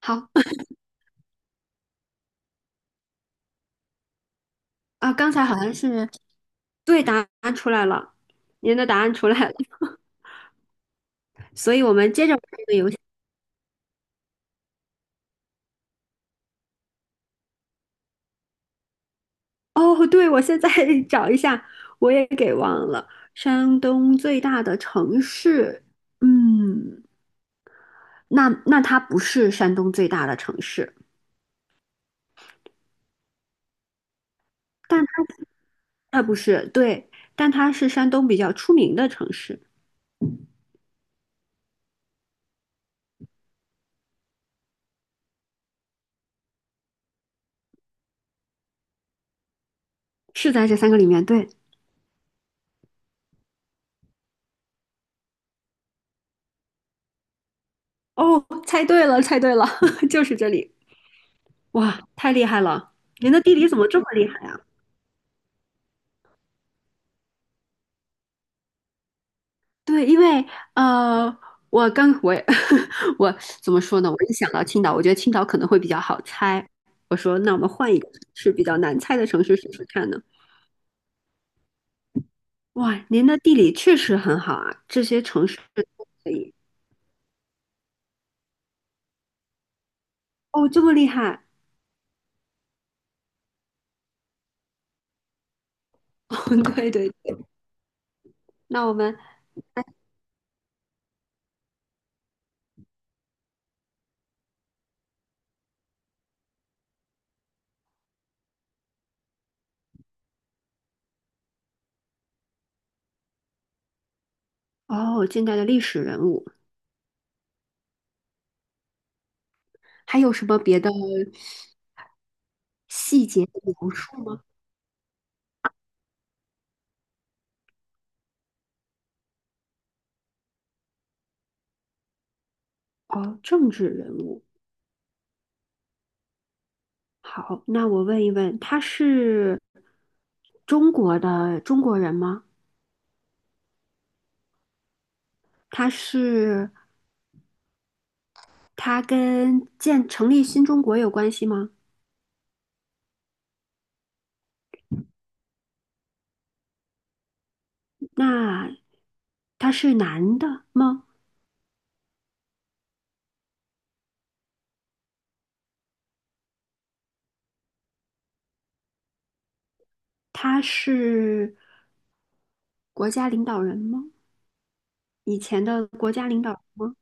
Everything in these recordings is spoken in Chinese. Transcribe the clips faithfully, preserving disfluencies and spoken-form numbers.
好啊，刚才好像是对答案出来了，您的答案出来了，所以我们接着玩这个游戏。哦，对，我现在 找一下，我也给忘了。山东最大的城市，嗯，那那它不是山东最大的城市，但它呃不是，对，但它是山东比较出名的城市，是在这三个里面，对。哦，猜对了，猜对了，就是这里。哇，太厉害了！您的地理怎么这么厉害啊？对，因为呃，我刚我也 我怎么说呢？我一想到青岛，我觉得青岛可能会比较好猜。我说，那我们换一个是比较难猜的城市试试看呢？哇，您的地理确实很好啊，这些城市都可以。哦，这么厉害！对对对，那我们哦，近代的历史人物，还有什么别的细节的描述吗？哦，政治人物。好，那我问一问，他是中国的中国人吗？他是他跟建成立新中国有关系吗？那他是男的吗？他是国家领导人吗？以前的国家领导人吗？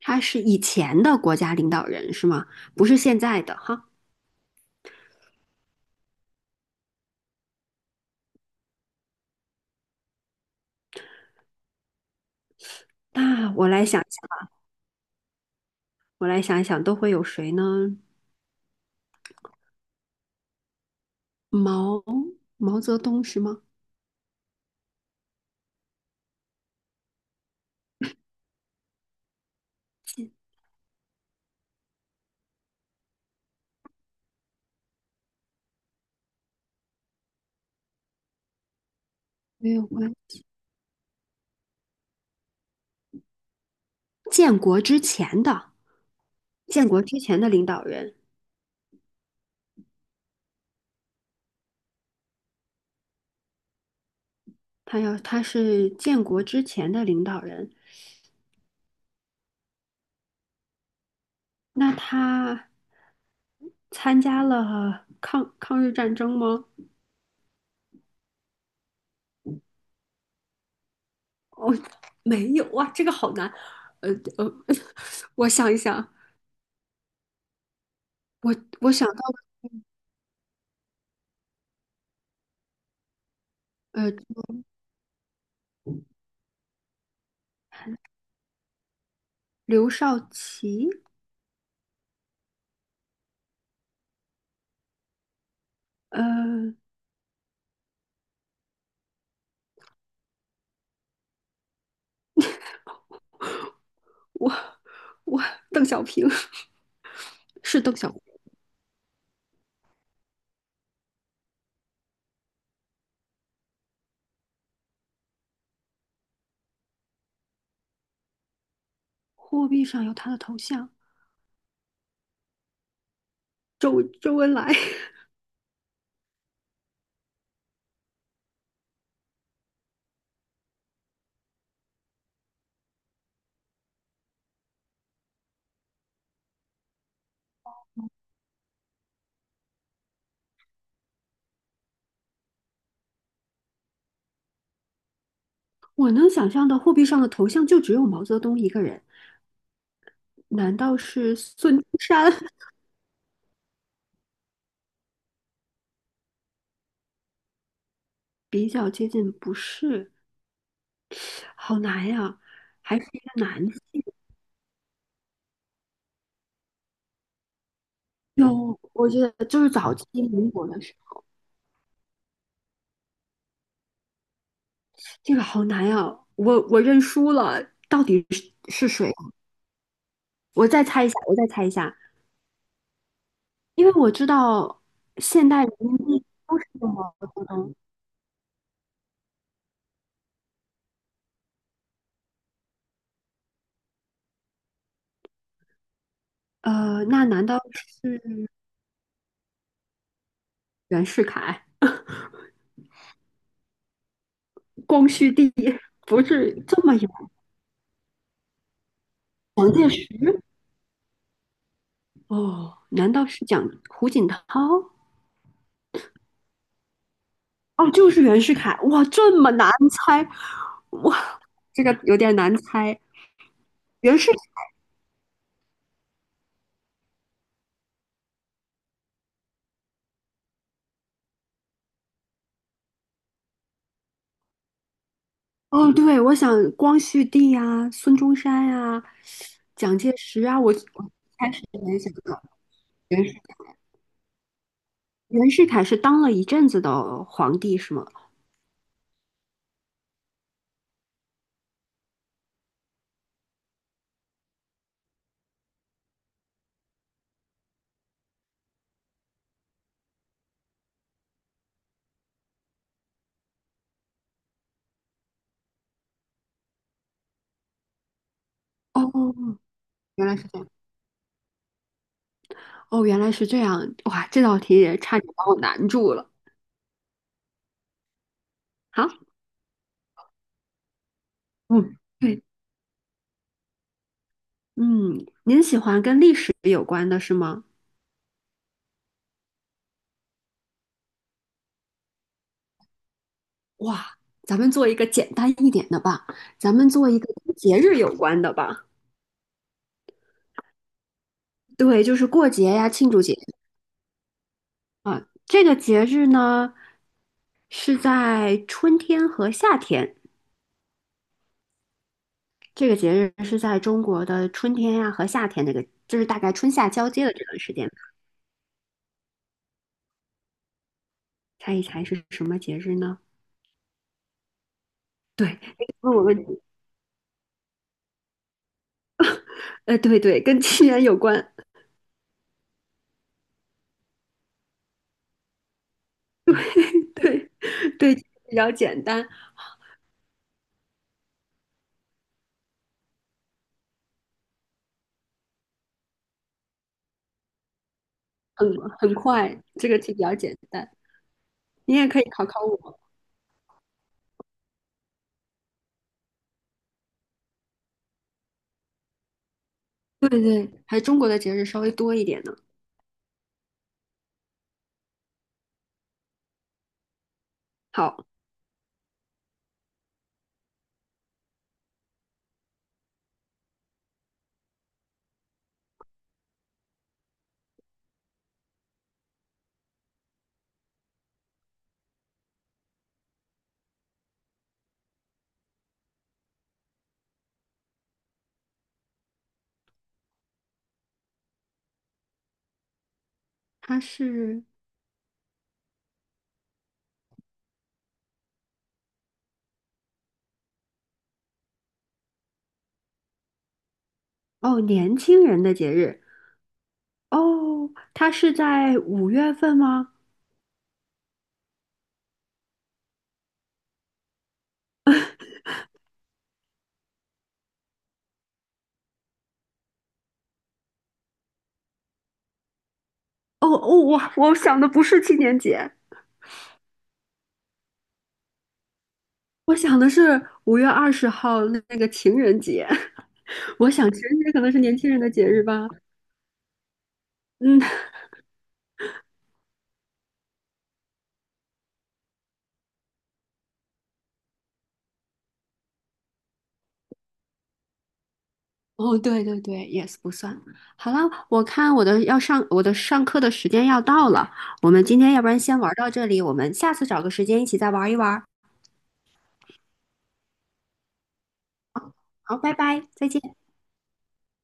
他是以前的国家领导人是吗？不是现在的哈。那我来想一想，我来想一想，都会有谁呢？毛毛泽东是吗？建没有关，建国之前的，建国之前的领导人。他要他是建国之前的领导人，那他参加了抗抗日战争吗？哦，没有哇，这个好难。呃呃，我想一想，我我想到呃刘少奇，呃我我邓小平 是邓小平，货币上有他的头像，周周恩来。我能想象的货币上的头像就只有毛泽东一个人，难道是孙中山？比较接近，不是，好难呀，还是一个男性。有，我觉得就是早期民国的时候，这个好难呀，我我认输了，是谁？我再猜一下，我再猜一下，因为我知道现代人民币都是用毛泽东，呃，那难道是袁世凯、光绪帝？不是这么有蒋介石哦？难道是蒋胡锦涛？哦，就是袁世凯。哇，这么难猜，哇，这个有点难猜。袁世哦，对，我想光绪帝呀、孙中山呀、蒋介石啊，我我开始联想到袁世袁世凯是当了一阵子的皇帝是吗？哦，原来是这样，哦，原来是这样，哇，这道题也差点把我难住了。好，嗯，对，嗯，您喜欢跟历史有关的是吗？哇，咱们做一个简单一点的吧，咱们做一个跟节日有关的吧。对，就是过节呀、庆祝节啊，这个节日呢是在春天和夏天，这个节日是在中国的春天呀、和夏天那个，就是大概春夏交接的这段时间。猜一猜是什么节日呢？对，你问我问题，呃，对对，跟屈原有关，对对，比较简单，很很快，这个题比较简单，你也可以考考我。对对，还中国的节日稍微多一点呢。好，它是哦年轻人的节日。哦，它是在五月份吗？哦哦，我我想的不是青年节，我想的是五月二十号那那个情人节。我想情人节可能是年轻人的节日吧。嗯，哦，对对对，yes 不算。好了，我看我的要上我的上课的时间要到了，我们今天要不然先玩到这里，我们下次找个时间一起再玩一玩。好，拜拜，再见。